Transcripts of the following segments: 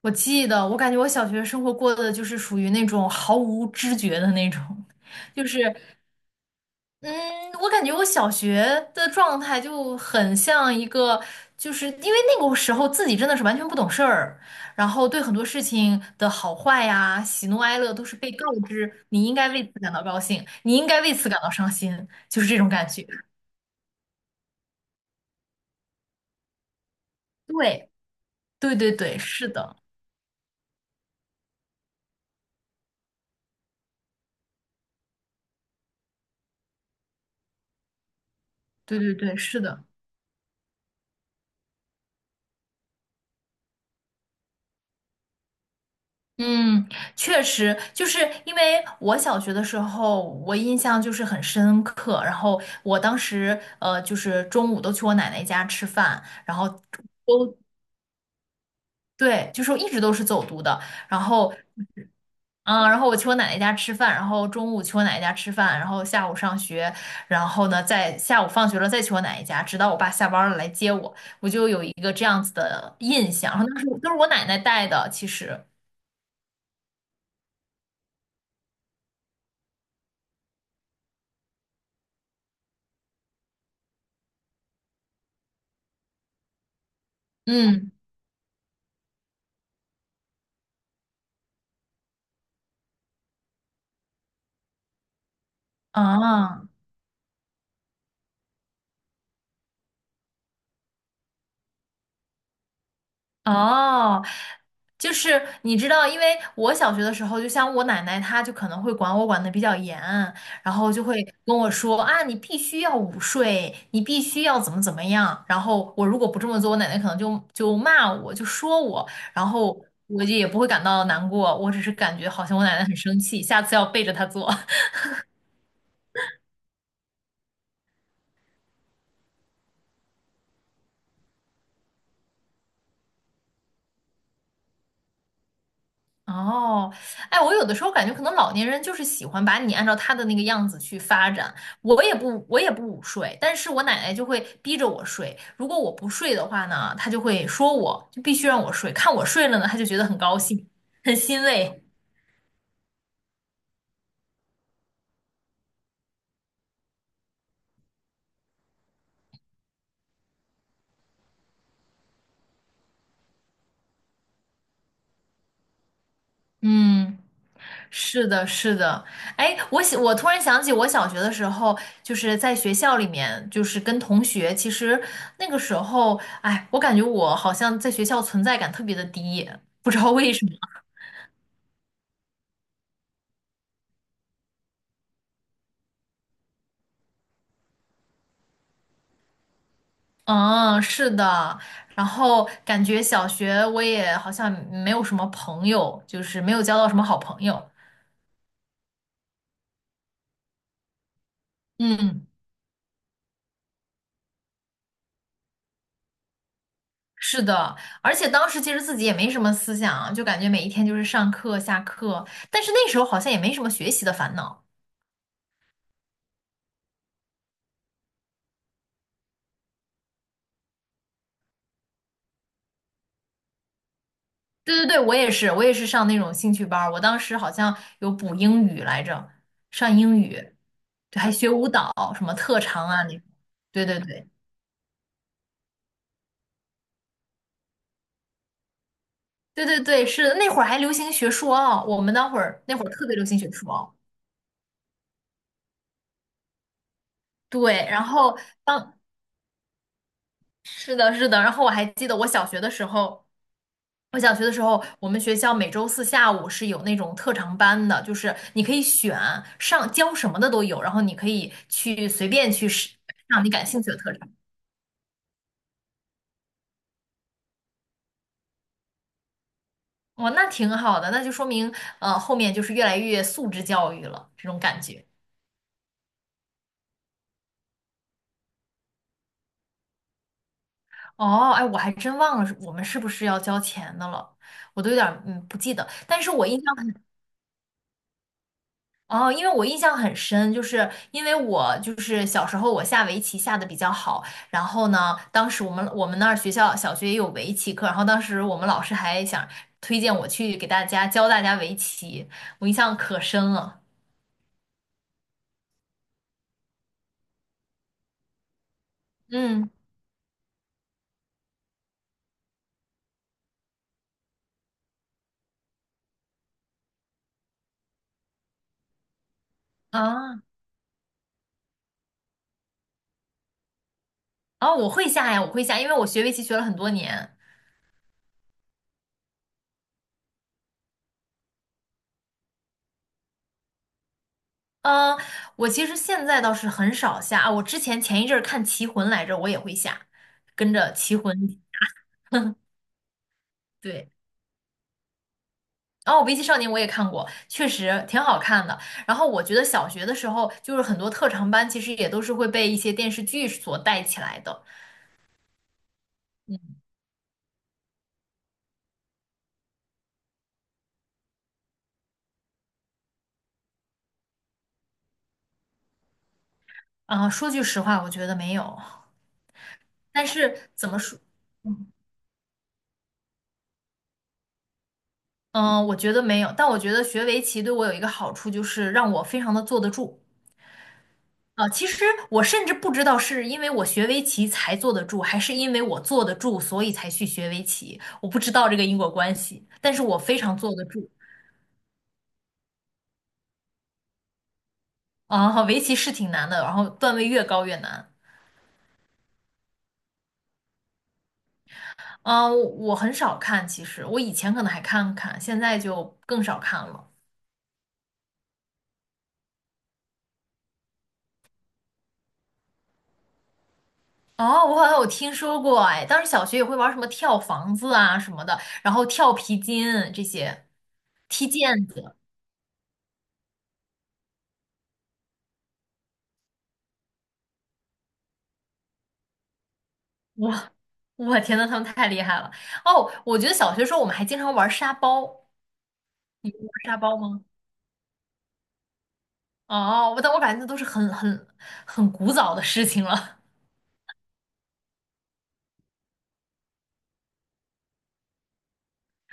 我记得，我感觉我小学生活过的就是属于那种毫无知觉的那种，就是，嗯，我感觉我小学的状态就很像一个，就是因为那个时候自己真的是完全不懂事儿，然后对很多事情的好坏呀、喜怒哀乐都是被告知，你应该为此感到高兴，你应该为此感到伤心，就是这种感觉。对，对对对，是的，对对对，是的。嗯，确实，就是因为我小学的时候，我印象就是很深刻。然后我当时，就是中午都去我奶奶家吃饭，然后都对，就是一直都是走读的。然后，嗯，然后我去我奶奶家吃饭，然后中午去我奶奶家吃饭，然后下午上学，然后呢，在下午放学了再去我奶奶家，直到我爸下班了来接我，我就有一个这样子的印象。然后当时都是我奶奶带的，其实，嗯，啊。哦，就是你知道，因为我小学的时候，就像我奶奶，她就可能会管我管的比较严，然后就会跟我说啊，你必须要午睡，你必须要怎么怎么样。然后我如果不这么做，我奶奶可能就骂我，就说我，然后我就也不会感到难过，我只是感觉好像我奶奶很生气，下次要背着她做。哦，哎，我有的时候感觉可能老年人就是喜欢把你按照他的那个样子去发展。我也不，我也不午睡，但是我奶奶就会逼着我睡。如果我不睡的话呢，她就会说我，就必须让我睡。看我睡了呢，她就觉得很高兴，很欣慰。嗯，是的，是的。哎，我想，我突然想起我小学的时候，就是在学校里面，就是跟同学，其实那个时候，哎，我感觉我好像在学校存在感特别的低，不知道为什么。嗯，是的，然后感觉小学我也好像没有什么朋友，就是没有交到什么好朋友。嗯，是的，而且当时其实自己也没什么思想，就感觉每一天就是上课下课，但是那时候好像也没什么学习的烦恼。对对对，我也是，我也是上那种兴趣班儿，我当时好像有补英语来着，上英语，对，还学舞蹈，什么特长啊那种。对对对。对对对，是的，那会儿还流行学硕奥，我们那会儿特别流行学硕奥。对，然后当是的，是的，然后我还记得我小学的时候，我小学的时候，我们学校每周四下午是有那种特长班的，就是你可以选上教什么的都有，然后你可以去随便去试上你感兴趣的特长。哇，那挺好的，那就说明后面就是越来越素质教育了，这种感觉。哦，哎，我还真忘了是我们是不是要交钱的了，我都有点儿嗯不记得。但是我印象很哦，因为我印象很深，就是因为我就是小时候我下围棋下的比较好，然后呢，当时我们那儿学校小学也有围棋课，然后当时我们老师还想推荐我去给大家教大家围棋，我印象可深了。嗯啊啊，我会下呀，我会下，因为我学围棋学了很多年。嗯，我其实现在倒是很少下啊。我之前前一阵儿看《棋魂》来着，我也会下，跟着《棋魂》对。然后围棋少年》我也看过，确实挺好看的。然后我觉得小学的时候，就是很多特长班其实也都是会被一些电视剧所带起来的。嗯，啊、说句实话，我觉得没有。但是怎么说？嗯、我觉得没有。但我觉得学围棋对我有一个好处，就是让我非常的坐得住。啊，其实我甚至不知道是因为我学围棋才坐得住，还是因为我坐得住，所以才去学围棋。我不知道这个因果关系，但是我非常坐得住。啊、围棋是挺难的，然后段位越高越难。啊、我很少看，其实我以前可能还看看，现在就更少看了。哦，我好像有听说过，哎，当时小学也会玩什么跳房子啊什么的，然后跳皮筋这些，踢毽子。我我天呐，他们太厉害了！哦，我觉得小学时候我们还经常玩沙包，玩沙包吗？哦，我但我感觉那都是很古早的事情了。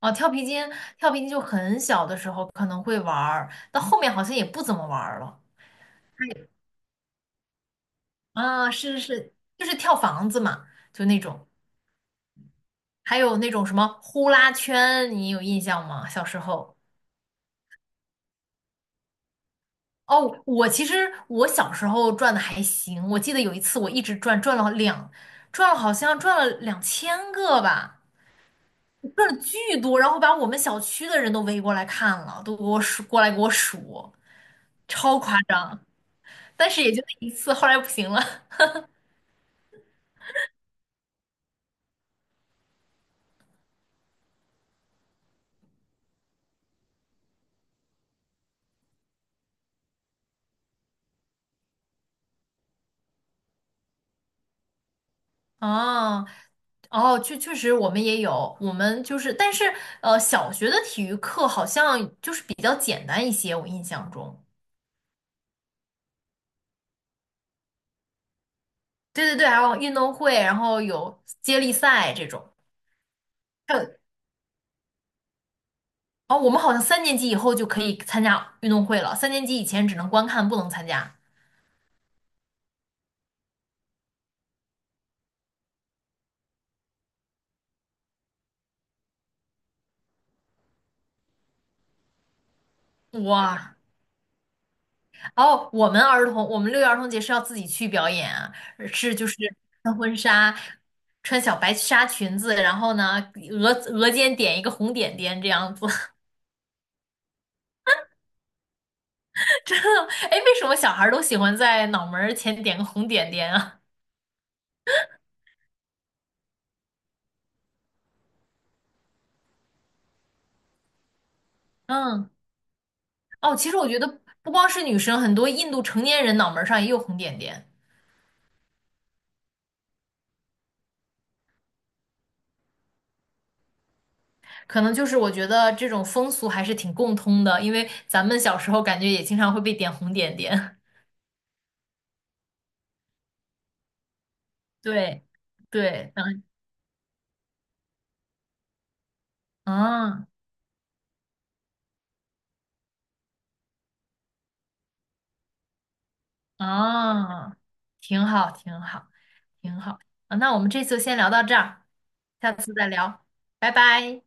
哦，跳皮筋，跳皮筋就很小的时候可能会玩儿，到后面好像也不怎么玩儿了。啊，是是是，就是跳房子嘛，就那种，还有那种什么呼啦圈，你有印象吗？小时候。哦，我其实我小时候转的还行，我记得有一次我一直转，转了两，转了好像转了2000个吧，转了巨多，然后把我们小区的人都围过来看了，都给我数，过来给我数，超夸张。但是也就那一次，后来不行了。哦，哦，确实我们也有，我们就是，但是小学的体育课好像就是比较简单一些，我印象中。对对对，还有运动会，然后有接力赛这种。还有哦，我们好像三年级以后就可以参加运动会了，三年级以前只能观看，不能参加。哇，哦，我们儿童，我们六一儿童节是要自己去表演啊，是就是穿婚纱，穿小白纱裙子，然后呢，额间点一个红点点这样子。哎，为什么小孩儿都喜欢在脑门儿前点个红点点啊？嗯，哦，其实我觉得不光是女生，很多印度成年人脑门儿上也有红点点。可能就是我觉得这种风俗还是挺共通的，因为咱们小时候感觉也经常会被点红点点。对，对，嗯，嗯，嗯，挺好，挺好，挺好。啊那我们这次就先聊到这儿，下次再聊，拜拜。